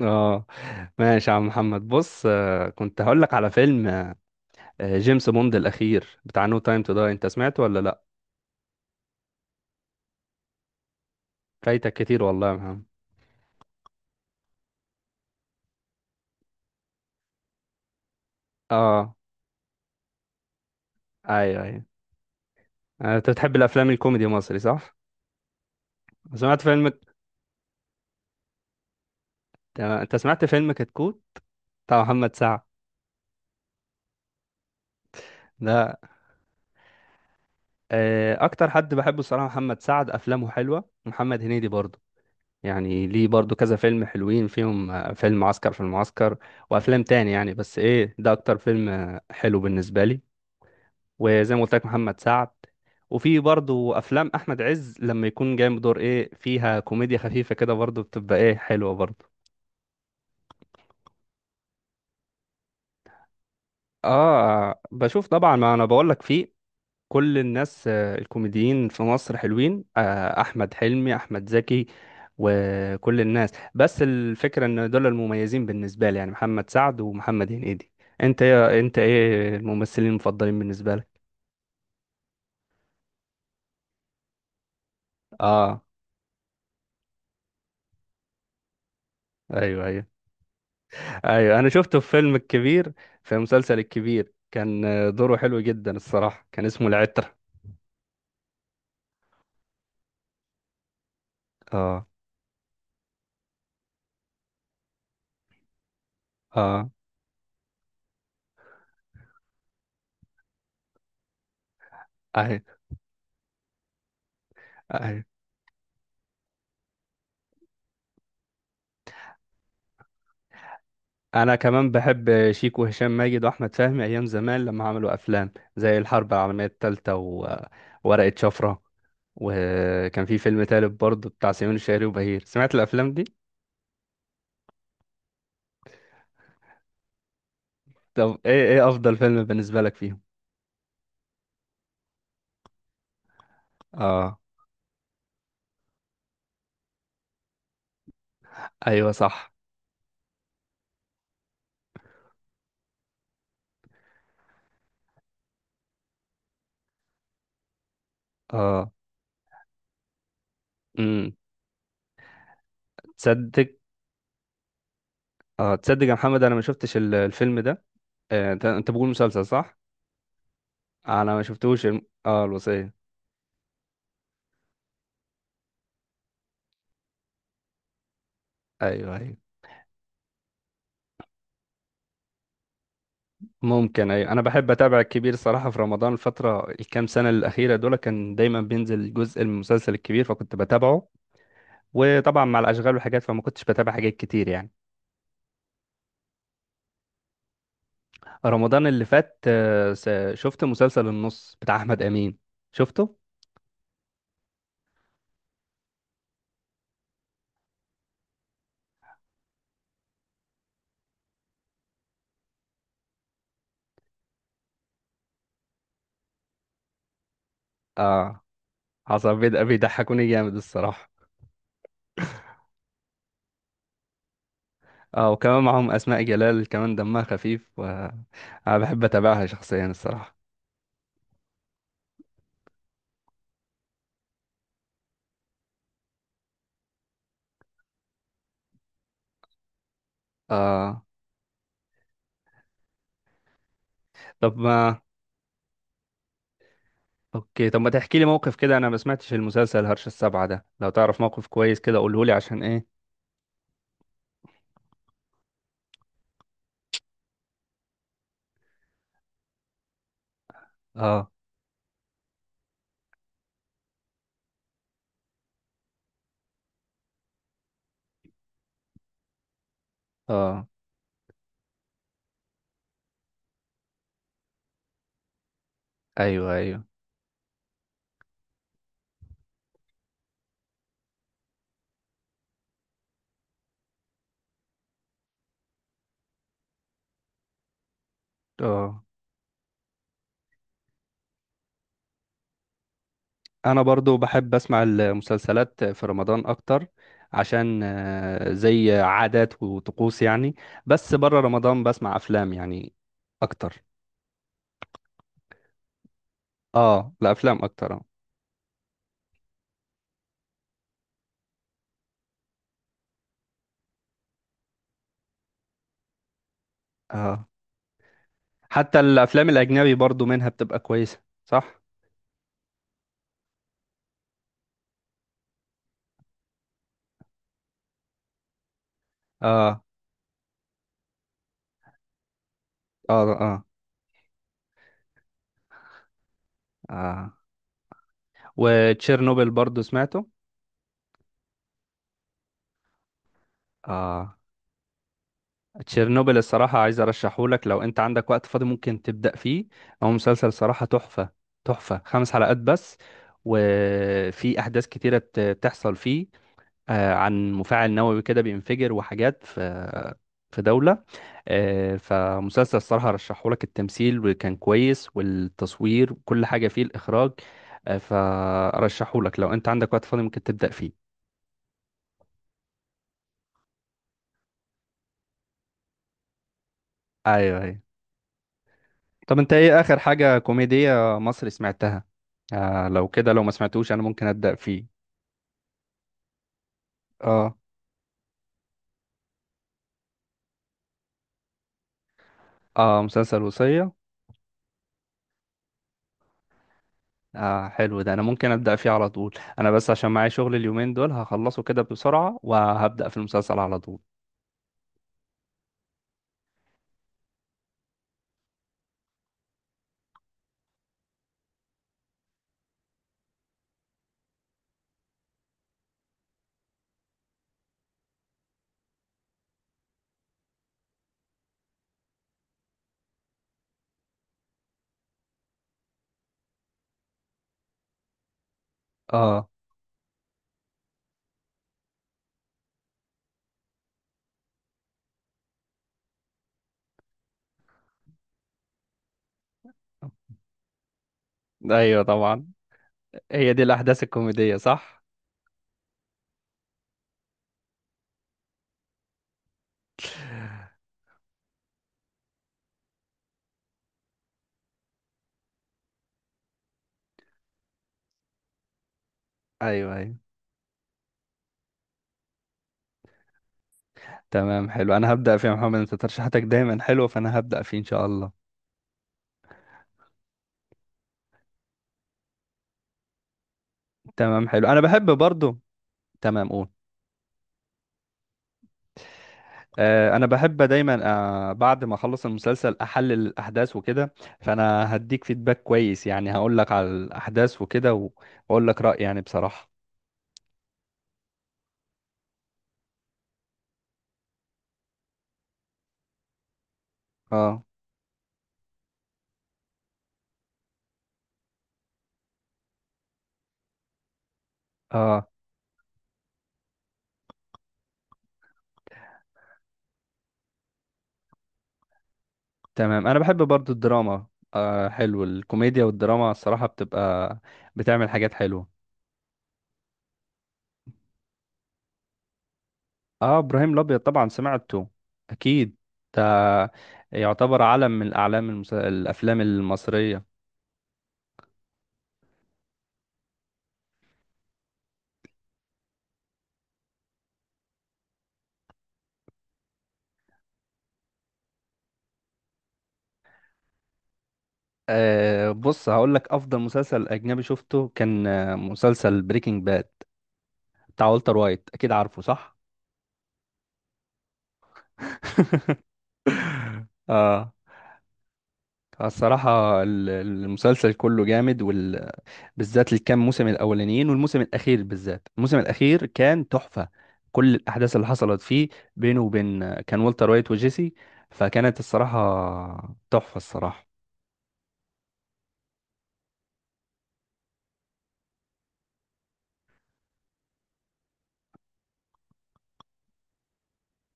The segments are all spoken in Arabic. اه ماشي يا عم محمد، بص، كنت هقول لك على فيلم جيمس بوند الاخير بتاع نو تايم تو داي. انت سمعته ولا لا؟ فايتك كتير والله يا محمد. اه، ايوه ايوه. انت بتحب الافلام الكوميدي المصري صح؟ سمعت فيلم. تمام. انت سمعت فيلم كتكوت بتاع محمد سعد؟ ده اكتر حد بحبه الصراحه محمد سعد، افلامه حلوه، ومحمد هنيدي برضه يعني. ليه؟ برضه كذا فيلم حلوين فيهم فيلم عسكر في المعسكر، وافلام تاني يعني. بس ايه، ده اكتر فيلم حلو بالنسبه لي، وزي ما قلت لك محمد سعد. وفي برضو افلام احمد عز لما يكون جاي بدور ايه فيها، كوميديا خفيفه كده، برضو بتبقى ايه حلوه برضو. اه بشوف طبعا، ما انا بقول لك في كل الناس الكوميديين في مصر حلوين. احمد حلمي، احمد زكي، وكل الناس، بس الفكره ان دول المميزين بالنسبه لي يعني محمد سعد ومحمد هنيدي. انت، يا انت، ايه الممثلين المفضلين بالنسبه لك؟ اه، ايوه ايوه. ايوه انا شفته في فيلم الكبير، في مسلسل الكبير كان دوره حلو جدا الصراحه. كان اسمه العتر. اه اه. ايوه ايوه، انا كمان بحب شيكو وهشام ماجد واحمد فهمي ايام زمان لما عملوا افلام زي الحرب العالميه الثالثه وورقه شفره. وكان في فيلم تالت برضه بتاع سمير الشهري وبهير. سمعت الافلام دي؟ طب ايه، ايه افضل فيلم بالنسبه لك فيهم؟ اه ايوه صح اه. امم، تصدق؟ اه تصدق يا محمد، انا ما شفتش الفيلم ده. انت، انت بقول مسلسل، صح؟ انا ما شفتوش اه، الوصية. ايوه ايوه. ممكن، ايوه، انا بحب اتابع الكبير صراحة في رمضان. الفترة الكام سنة الأخيرة دول كان دايما بينزل جزء من المسلسل الكبير فكنت بتابعه. وطبعا مع الاشغال والحاجات فما كنتش بتابع حاجات كتير يعني. رمضان اللي فات، شفت مسلسل النص بتاع احمد امين. شفته. اه. حصل، بيضحكوني جامد الصراحة. اه، وكمان معاهم اسماء جلال، كمان دمها خفيف، وانا بحب اتابعها شخصيا الصراحة. اه، طب ما اوكي، طب ما تحكي لي موقف كده؟ انا ما سمعتش المسلسل هرش السبعة ده. لو تعرف موقف كويس كده قوله لي عشان ايه. اه. اه. ايوه ايوه. اه. انا برضو بحب اسمع المسلسلات في رمضان اكتر عشان زي عادات وطقوس يعني. بس بره رمضان بسمع افلام يعني اكتر. اه، الافلام اكتر اه. اه، حتى الافلام الاجنبي برضو منها بتبقى كويسة صح. اه اه اه اه، وتشيرنوبل برضو سمعته. اه، تشيرنوبل الصراحة عايز ارشحهولك. لو انت عندك وقت فاضي ممكن تبدأ فيه. هو مسلسل صراحة تحفة، تحفة. خمس حلقات بس، وفي احداث كتيرة بتحصل فيه عن مفاعل نووي كده بينفجر، وحاجات في في دولة. فمسلسل الصراحة رشحهولك، التمثيل وكان كويس والتصوير وكل حاجة فيه، الإخراج. فرشحهولك لو انت عندك وقت فاضي ممكن تبدأ فيه. ايوه ايوه. طب انت ايه اخر حاجة كوميدية مصري سمعتها؟ آه لو كده، لو ما سمعتوش انا ممكن ابدا فيه. اه. اه، مسلسل وصية. آه حلو ده، انا ممكن ابدا فيه على طول. انا بس عشان معايا شغل اليومين دول هخلصه كده بسرعة وهبدا في المسلسل على طول. اه. ايوه طبعا، هي دي الاحداث الكوميدية صح. ايوه ايوه. تمام، حلو، انا هبدا فيه يا محمد. انت ترشيحاتك دايما حلوة فانا هبدا فيه ان شاء الله. تمام، حلو، انا بحب برضو. تمام، قول. انا بحب دايما بعد ما اخلص المسلسل احلل الاحداث وكده، فانا هديك فيدباك كويس يعني. هقول لك على الاحداث وكده و- واقول لك رايي يعني بصراحه. اه. اه، تمام، انا بحب برضو الدراما. آه حلو الكوميديا والدراما الصراحه بتبقى بتعمل حاجات حلوه. اه ابراهيم الابيض طبعا سمعته. اكيد، ده يعتبر علم من الاعلام، الافلام المصريه. آه بص، هقول لك افضل مسلسل اجنبي شفته كان مسلسل بريكنج باد بتاع والتر وايت، اكيد عارفه صح. اه. الصراحة المسلسل كله جامد، وال... بالذات الكام موسم الأولانيين والموسم الأخير. بالذات الموسم الأخير كان تحفة. كل الأحداث اللي حصلت فيه بينه وبين كان والتر وايت وجيسي، فكانت الصراحة تحفة الصراحة.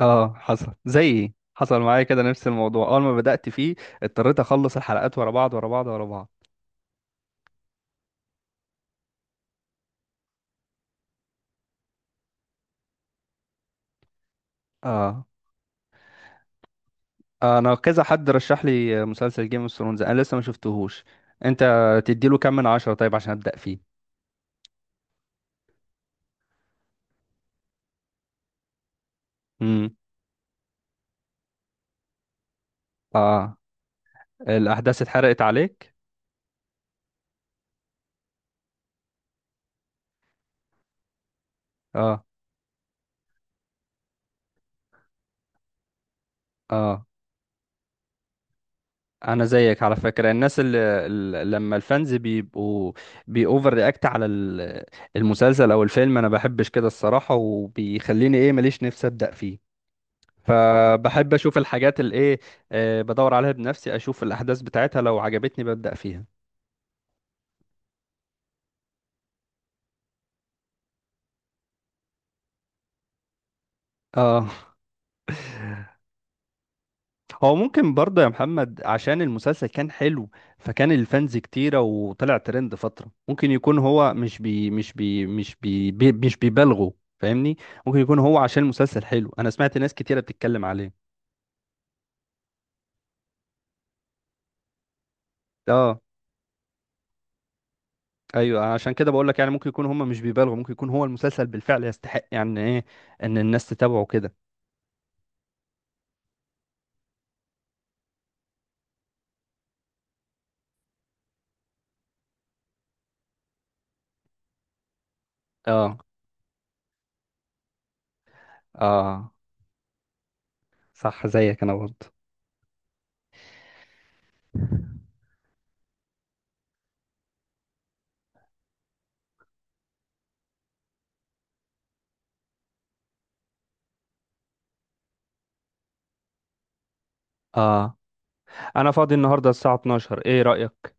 اه حصل زي إيه؟ حصل معايا كده نفس الموضوع أول ما بدأت فيه. اضطريت أخلص الحلقات ورا بعض ورا بعض ورا بعض. اه انا كذا حد رشح لي مسلسل جيم اوف ثرونز، انا لسه ما شفتهوش. انت تديله كام من عشرة طيب عشان ابدا فيه؟ امم. اه، الاحداث اتحرقت عليك؟ اه اه. انا زيك على فكره، الناس اللي لما الفانز بيبقوا بيأوفر رياكت على المسلسل او الفيلم، انا بحبش كده الصراحه، وبيخليني ايه، ماليش نفسي ابدا فيه. فبحب اشوف الحاجات اللي ايه، آه بدور عليها بنفسي، اشوف الاحداث بتاعتها لو عجبتني ببدا فيها. اه. هو ممكن برضه يا محمد عشان المسلسل كان حلو فكان الفانز كتيرة وطلع ترند فترة. ممكن يكون هو مش بي مش بي مش بي, بي مش بيبالغوا. فاهمني؟ ممكن يكون هو عشان المسلسل حلو انا سمعت ناس كتيرة بتتكلم عليه. اه، ايوه، عشان كده بقول لك يعني ممكن يكون هم مش بيبالغوا. ممكن يكون هو المسلسل بالفعل يستحق يعني ايه ان الناس تتابعه كده. اه. اه، صح، زيك انا برضه. اه، انا فاضي النهارده الساعة 12، ايه رأيك؟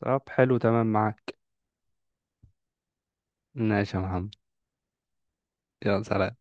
طب حلو، تمام، معاك. ماشي يا محمد. يا سلام.